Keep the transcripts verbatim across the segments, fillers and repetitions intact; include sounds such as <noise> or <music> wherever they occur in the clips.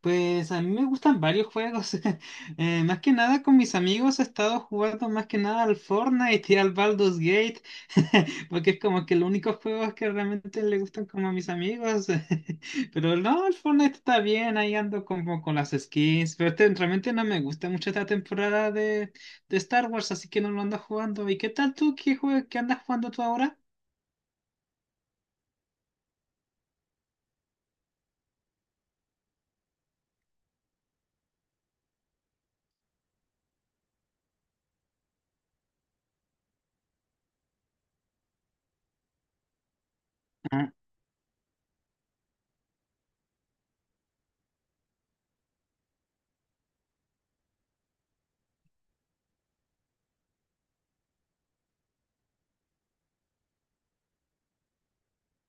Pues a mí me gustan varios juegos. <laughs> Eh, más que nada con mis amigos he estado jugando más que nada al Fortnite y al Baldur's Gate, <laughs> porque es como que los únicos juegos que realmente le gustan como a mis amigos. <laughs> Pero no, el Fortnite está bien, ahí ando como con las skins, pero este, realmente no me gusta mucho esta temporada de, de Star Wars, así que no lo ando jugando. ¿Y qué tal tú? ¿Qué jue- qué andas jugando tú ahora?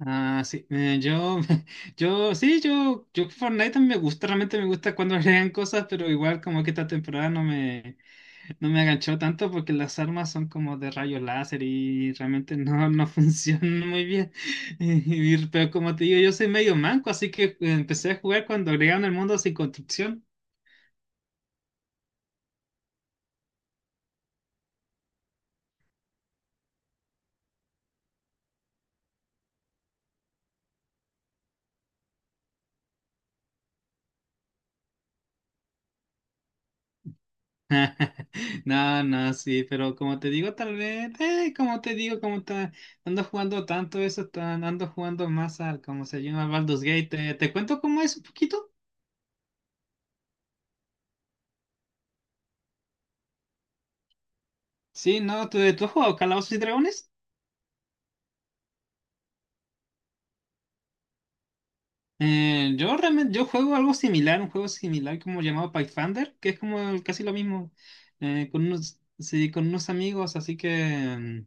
Ah, sí, eh, yo, <laughs> yo, sí, yo, yo Fortnite también me gusta, realmente me gusta cuando <laughs> agregan cosas, pero igual como que esta temporada no me, no me aganchó tanto porque las armas son como de rayo láser y realmente no, no <laughs> funcionan muy bien. <laughs> Y- y- pero como te digo, yo soy medio manco, así que eh, empecé a jugar cuando agregaron el mundo sin construcción. <laughs> No, no, sí, pero como te digo, tal vez, eh, como te digo, como ta- ando jugando tanto eso, tan, ando jugando más al, como se llama, Baldur's Gate. ¿te, te cuento cómo es un poquito? Sí, no, ¿tú, tú has jugado Calabozos y Dragones? Eh, yo realmente, yo juego algo similar, un juego similar como llamado Pathfinder, que es como el- casi lo mismo, eh, con unos, sí, con unos amigos, así que... mm,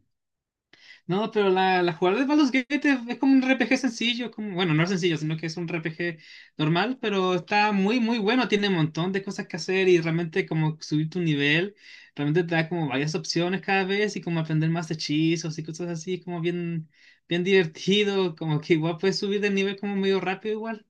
No, pero la, la jugada de Baldur's Gate es, es como un R P G sencillo, es como, bueno, no es sencillo, sino que es un R P G normal, pero está muy, muy bueno, tiene un montón de cosas que hacer y realmente como subir tu nivel, realmente te da como varias opciones cada vez y como aprender más hechizos y cosas así, como bien, bien divertido, como que igual puedes subir de nivel como medio rápido igual.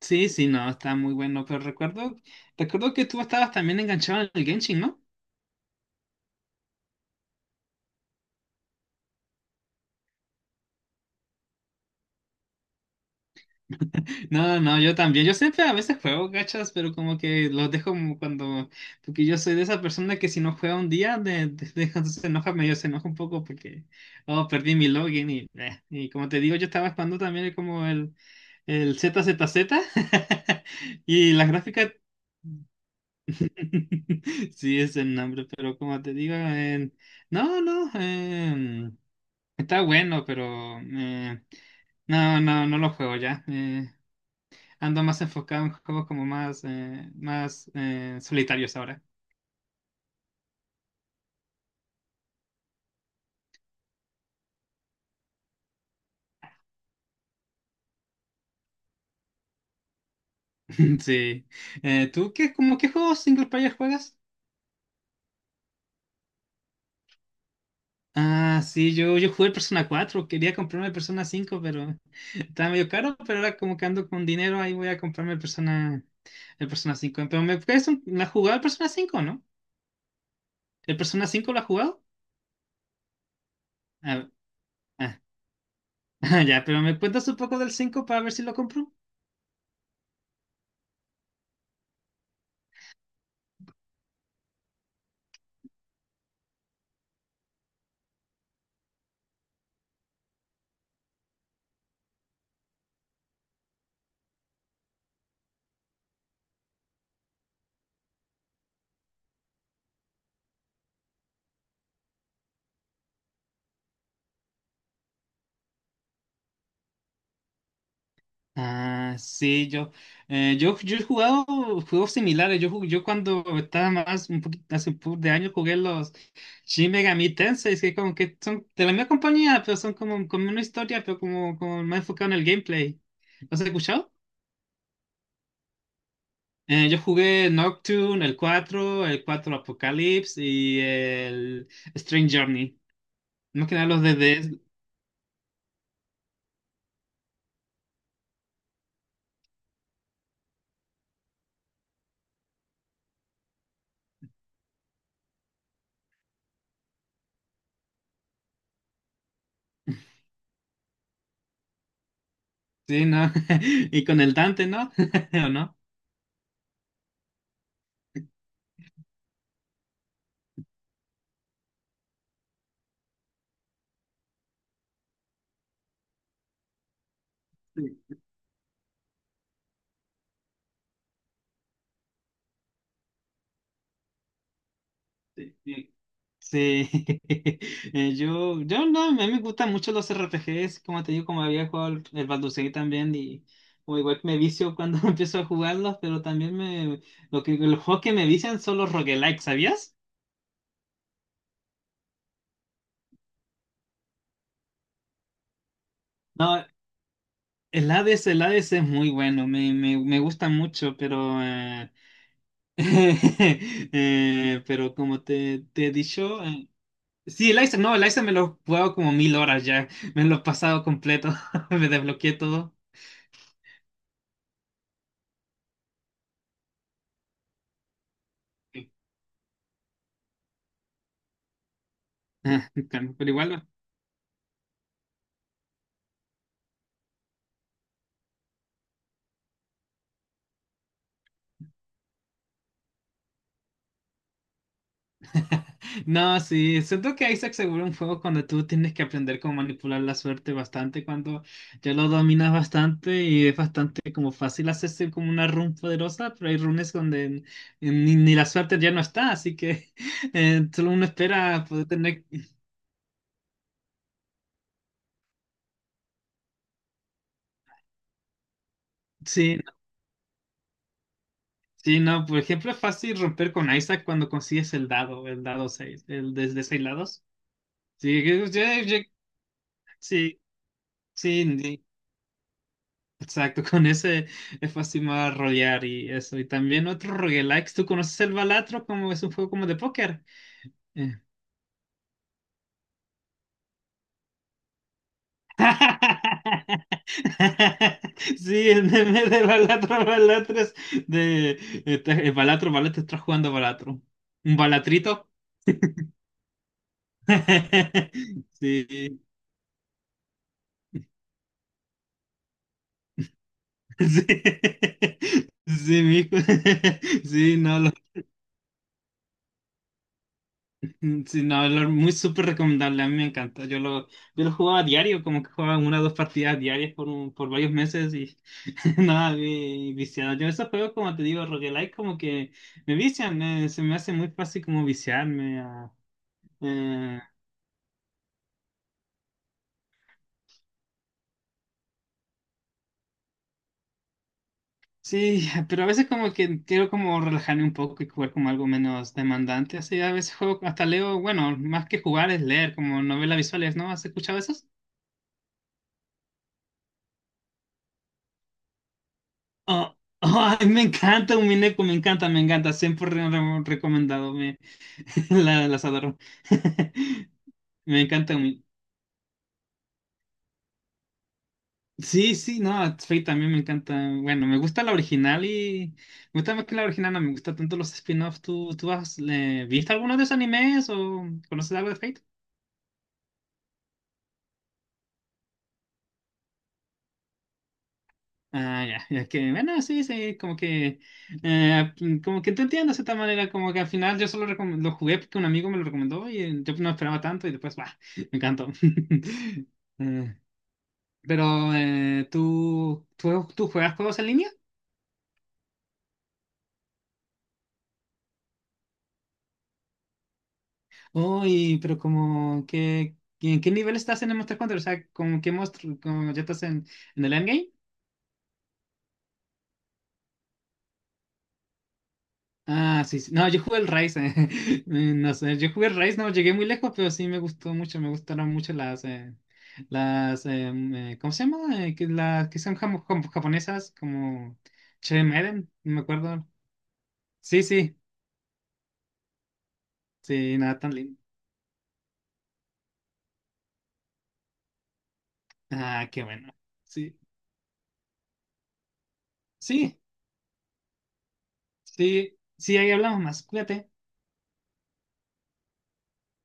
Sí, sí, no, está muy bueno, pero recuerdo, recuerdo que tú estabas también enganchado en el Genshin, ¿no? No, no, yo también. Yo siempre a veces juego gachas, pero como que los dejo como cuando. Porque yo soy de esa persona que si no juega un día, de, de- de- <laughs> entonces se enoja, medio se enoja un poco porque. Oh, perdí mi login. y. eh. Y como te digo, yo estaba jugando también como el, el z z z. <laughs> Y las gráficas. <laughs> Sí, es el nombre, pero como te digo, en- no, no. Em, está bueno, pero. eh, no, no, no lo juego ya. eh, Ando más enfocado en juegos como más, eh, más eh, solitarios ahora. <laughs> Sí. Eh, ¿tú qué, como qué juegos single player juegas? Ah, sí, yo, yo jugué el Persona cuatro, quería comprarme el Persona cinco, pero <laughs> estaba medio caro, pero ahora como que ando con dinero, ahí voy a comprarme el Persona, el Persona cinco. Pero me puedes, un- ¿la has jugado el Persona cinco, no? ¿El Persona cinco lo has jugado? Ah, ah, <laughs> ya, pero me cuentas un poco del cinco para ver si lo compro. Ah, sí, yo, eh, yo, yo he jugado juegos similares. Yo, ju- yo cuando estaba más, un poquito, hace un poco de años jugué los Shin Megami Tensei, que como que son de la misma compañía, pero son como, como una historia, pero como, como más enfocado en el gameplay. ¿Los has escuchado? Eh, yo jugué Nocturne, el cuatro el cuatro Apocalypse y el Strange Journey. No que nada los de D S, sí, ¿no? <laughs> Y con el Dante, ¿no? <laughs> ¿O no? Sí, sí. Sí. <laughs> Eh, yo, yo no, a mí me gustan mucho los R P Gs, como te digo, como había jugado el el Baldur's Gate también, y como igual que me vicio cuando <laughs> empiezo a jugarlos, pero también me, lo que, los juegos que me vician son los roguelikes, ¿sabías? No, el Hades, el Hades, es muy bueno, me, me, me gusta mucho, pero, eh, <laughs> eh, pero como te, te he dicho, eh, sí, el Isaac, no, el Isaac me lo he jugado como mil horas ya, me lo he pasado completo, <laughs> me desbloqueé todo. Ah, <laughs> claro. Pero igual, no, no, sí, siento que Isaac seguro es un juego cuando tú tienes que aprender cómo manipular la suerte bastante, cuando ya lo dominas bastante y es bastante como fácil hacerse como una run poderosa, pero hay runes donde n- ni, ni la suerte ya no está, así que <laughs> eh, solo uno espera poder tener... Sí, no, sí, no, por ejemplo, es fácil romper con Isaac cuando consigues el dado, el dado seis el desde seis lados. Sí, yo- yo- yo- sí, sí, sí. Exacto, <laughs> con ese es fácil más rolear y eso. Y también otro roguelikes. ¿Tú conoces el Balatro? Como es un juego como de póker. Eh. <laughs> Sí, el meme de Balatro, Balatro es de eh, te- eh, Balatro, Balatro, estás jugando Balatro. ¿Un Balatrito? <laughs> Sí, sí, <laughs> sí, mijo. <laughs> Sí, no, Mm, sí, no, lo- muy súper recomendable, a mí me encanta. Yo lo, yo lo jugaba a diario, como que jugaba una o dos partidas diarias por, un- por varios meses y <laughs> nada, vi, viciado. Yo esos juegos, como te digo, roguelike, como que me vician, eh, se me hace muy fácil como viciarme. a- eh, sí, <laughs> pero a veces como que quiero como relajarme un poco y jugar como algo menos demandante. Así a veces juego, hasta leo, bueno, más que jugar es leer, como novelas visuales, ¿no? ¿Has escuchado eso? Ah, ay, me encanta un Mineco, me encanta, me encanta. Siempre re- re- recomendado, me, <laughs> la- las adoro. <laughs> Me encanta un Sí, sí, no, Fate también me encanta. Bueno, me gusta la original y me gusta más que la original, no me gusta tanto los spin-offs. ¿Tú, tú has, le- viste alguno de esos animes o conoces algo de Fate? Ah, ya, ya que, bueno, sí, sí, como que, eh, mm, como que te entiendo de cierta manera, como que al final yo solo recom- lo jugué porque un amigo me lo recomendó y eh, yo no esperaba tanto y después, bah, me encantó. <laughs> Eh, pero, eh, ¿tú, tú, tú juegas juegos en línea? Uy, pero como que, ¿en qué nivel estás en el Monster Hunter? ¿O sea, como qué monstruo, como ya estás en, en el endgame? Ah, sí, sí. No, yo jugué el Rise. <laughs> eh, No sé, yo jugué el Rise, no llegué muy lejos, pero sí me gustó mucho. Me gustaron mucho las. eh, las em, eh, ¿cómo se llama? Eh, que, las que son jamo- jam- japonesas, como Che Maiden, no me acuerdo. Sí, sí, sí, nada, tan lindo. Ah, qué bueno. Sí, sí, sí, sí, ahí hablamos más. Cuídate.